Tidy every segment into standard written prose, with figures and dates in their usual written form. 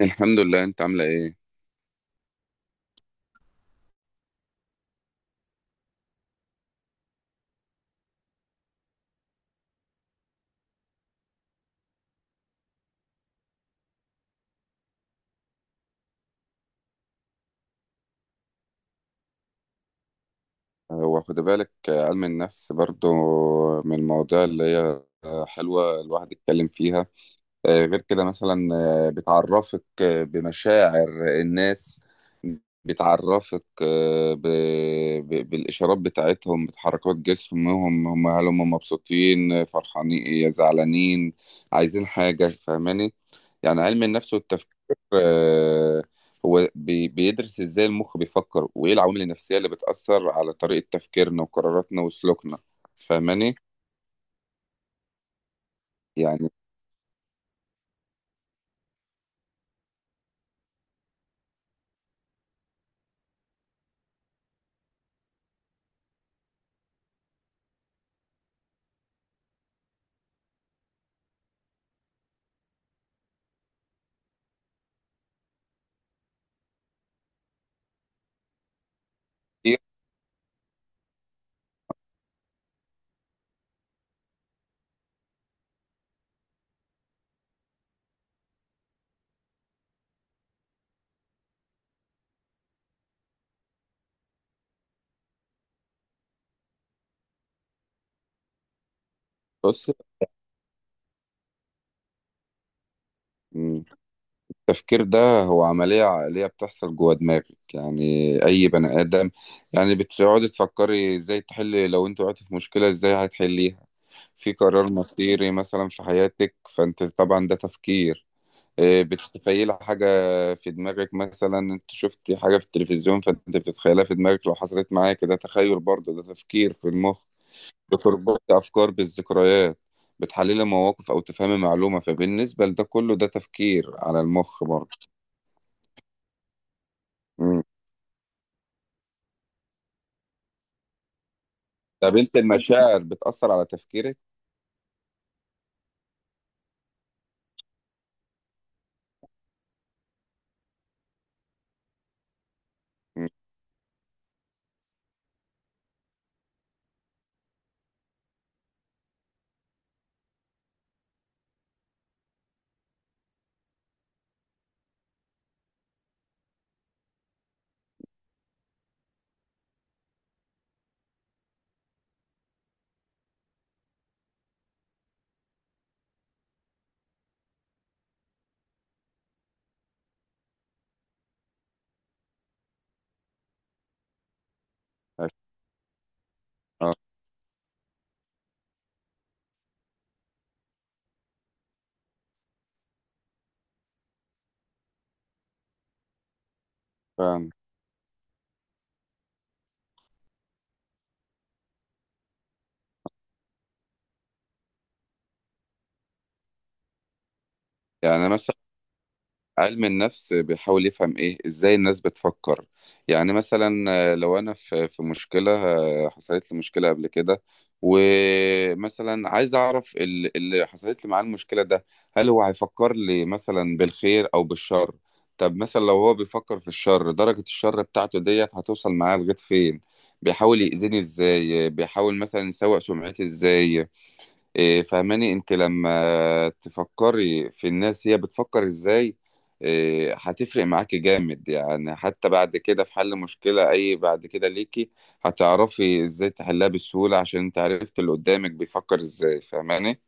الحمد لله، انت عامله ايه؟ هو خد بالك، علم النفس برضو من المواضيع اللي هي حلوه الواحد يتكلم فيها. غير كده، مثلا بتعرفك بمشاعر الناس. بتعرفك بالإشارات بتاعتهم، بتحركات جسمهم. هل هم مبسوطين، فرحانين، زعلانين، عايزين حاجة؟ فاهماني؟ يعني علم النفس والتفكير، هو بيدرس إزاي المخ بيفكر وإيه العوامل النفسية اللي بتأثر على طريقة تفكيرنا وقراراتنا وسلوكنا. فاهماني؟ يعني كتير- بص، التفكير ده هو عملية عقلية بتحصل جوه دماغك. يعني أي بني آدم، يعني بتقعدي تفكري إزاي تحلي لو أنت وقعتي في مشكلة، إزاي هتحليها، في قرار مصيري مثلا في حياتك، فأنت طبعا ده تفكير. بتتخيلي حاجة في دماغك، مثلا أنت شفتي حاجة في التلفزيون فأنت بتتخيلها في دماغك لو حصلت معاك، ده تخيل برضه، ده تفكير في المخ. بتربطي أفكار بالذكريات، بتحللي مواقف أو تفهمي معلومة، فبالنسبة لده كله ده تفكير على المخ برضه. مم. طب انت، المشاعر بتأثر على تفكيرك؟ مم. اه فعلا. يعني مثلا علم النفس بيحاول يفهم ايه ازاي الناس بتفكر. يعني مثلا لو انا في مشكلة، حصلت لي مشكلة قبل كده، ومثلا عايز اعرف اللي حصلت لي معاه المشكلة ده، هل هو هيفكر لي مثلا بالخير او بالشر؟ طب مثلا لو هو بيفكر في الشر، درجة الشر بتاعته ديت هتوصل معاه لغاية فين؟ بيحاول يأذيني ازاي؟ بيحاول مثلا يسوء سمعتي ازاي؟ فهماني؟ انت لما تفكري في الناس، هي بتفكر ازاي؟ هتفرق معاكي جامد، يعني حتى بعد كده في حل مشكلة، اي بعد كده ليكي هتعرفي ازاي تحلها بسهولة عشان انت عرفت اللي قدامك بيفكر ازاي. فهماني؟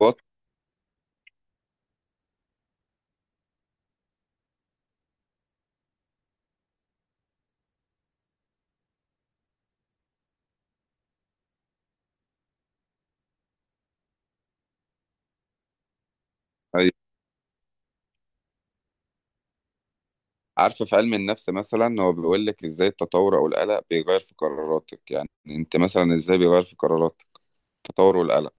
وط- أي- عارفة، في علم النفس مثلا هو بيقول لك ازاي التطور او القلق بيغير في قراراتك. يعني انت مثلا ازاي بيغير في قراراتك التطور والقلق؟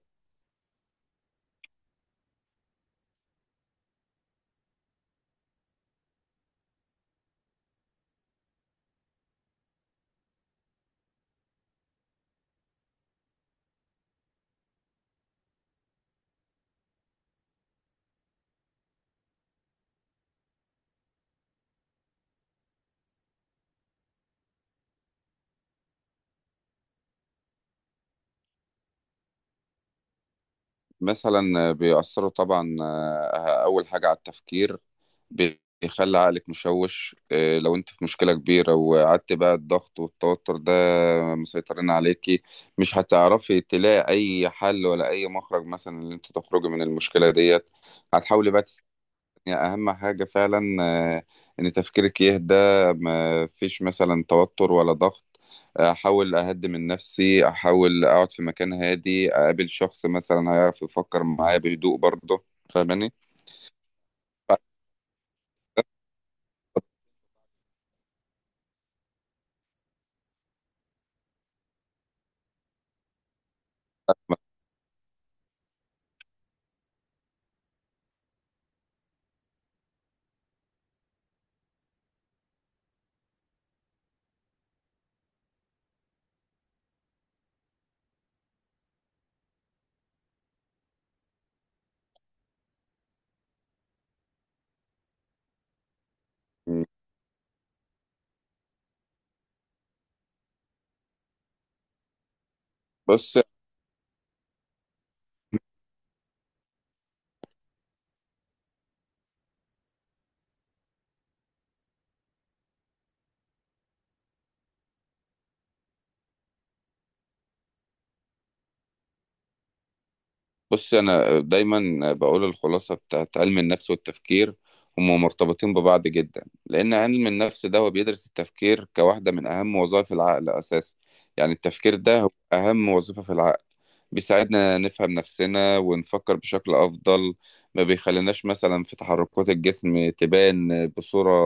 مثلا بيأثروا طبعا، أول حاجة على التفكير، بيخلي عقلك مشوش. لو انت في مشكلة كبيرة وقعدت بقى الضغط والتوتر ده مسيطرين عليكي، مش هتعرفي تلاقي أي حل ولا أي مخرج مثلا اللي انت تخرجي من المشكلة ديت. هتحاولي بقى، يعني أهم حاجة فعلا إن تفكيرك يهدى، ما فيش مثلا توتر ولا ضغط. أحاول أهدي من نفسي، أحاول أقعد في مكان هادي، أقابل شخص مثلا هيعرف يفكر معايا بهدوء برضه. فاهماني؟ بص، بص، انا دايما بقول الخلاصه بتاعت علم النفس والتفكير، هم مرتبطين ببعض جدا لان علم النفس ده هو بيدرس التفكير كواحده من اهم وظائف العقل اساسا. يعني التفكير ده هو اهم وظيفه في العقل، بيساعدنا نفهم نفسنا ونفكر بشكل افضل. ما بيخليناش مثلا في تحركات الجسم تبان بصوره،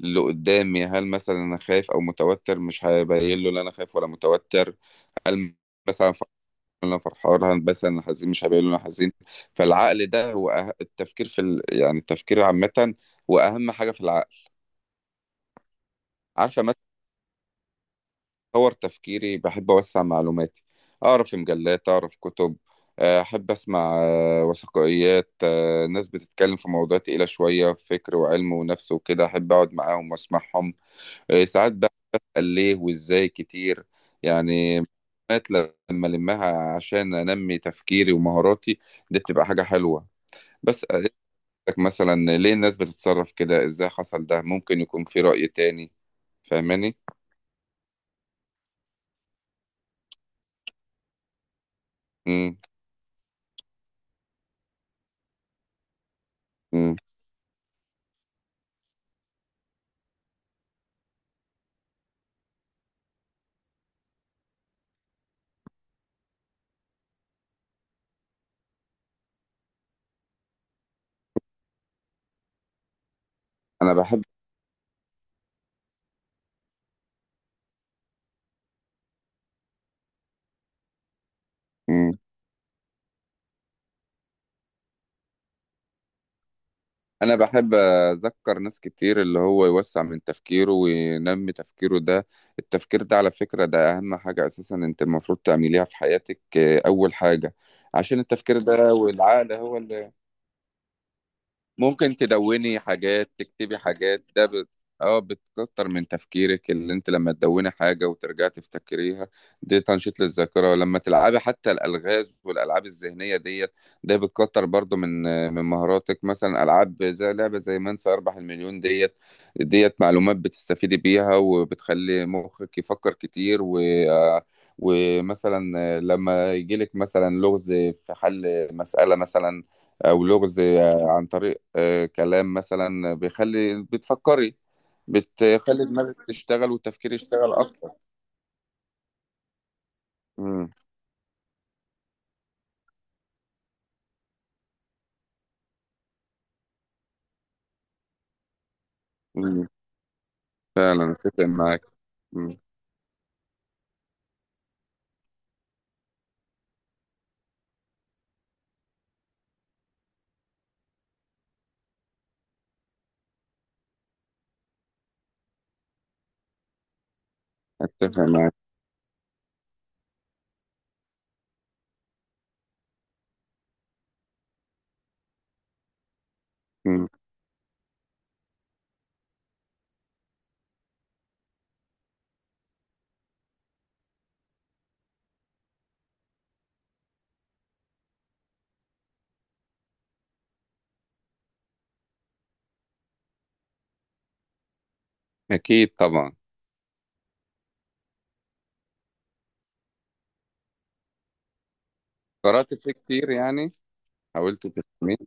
اللي قدامي هل مثلا انا خايف او متوتر؟ مش هبين له ان انا خايف ولا متوتر. هل مثلا انا فرحان؟ هندبسط. انا حزين؟ مش هبقى انا حزين. فالعقل ده هو التفكير، يعني التفكير عامة هو اهم حاجة في العقل. عارفة، مثلا اطور تفكيري، بحب اوسع معلوماتي، اقرا في مجلات، اقرا في كتب. احب اسمع وثائقيات، ناس بتتكلم في مواضيع تقيلة شوية فكر وعلم ونفس وكده، احب اقعد معاهم واسمعهم. ساعات بقى بسأل ليه وازاي كتير، يعني معلومات لما لمها عشان انمي تفكيري ومهاراتي، دي بتبقى حاجة حلوة. بس اسألك، مثلا ليه الناس بتتصرف كده؟ ازاي حصل ده؟ ممكن يكون في رأي تاني. فاهماني؟ امم امم انا بحب امم انا بحب اذكر ناس كتير اللي هو يوسع من تفكيره وينمي تفكيره ده. التفكير ده على فكرة ده اهم حاجة اساسا انت المفروض تعمليها في حياتك، اول حاجة، عشان التفكير ده والعقل هو اللي ممكن تدوني حاجات، تكتبي حاجات. اه، بتكتر من تفكيرك اللي انت لما تدوني حاجة وترجعي تفتكريها، دي تنشيط للذاكرة. ولما تلعبي حتى الألغاز والألعاب الذهنية ديت ده بتكتر برضو من من مهاراتك. مثلا ألعاب زي لعبة زي من سيربح المليون ديت، ديت معلومات بتستفيدي بيها وبتخلي مخك يفكر كتير و آه، ومثلا لما يجيلك مثلا لغز في حل مسألة مثلا أو لغز عن طريق كلام مثلا بيخلي بتفكري، بتخلي دماغك تشتغل والتفكير يشتغل اكتر. مم. مم. فعلا اتفق معاك. مم. اتفق معاك. مم. اكيد طبعا. قرات فيه كتير يعني. حاولت تفهمين.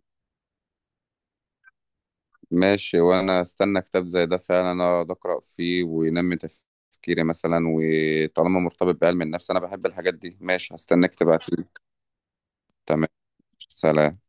ماشي، وانا استنى كتاب زي ده فعلا اقعد اقرا فيه وينمي تفكيري مثلا، وطالما مرتبط بعلم النفس انا بحب الحاجات دي. ماشي، هستناك تبعتيلي. تمام. سلام.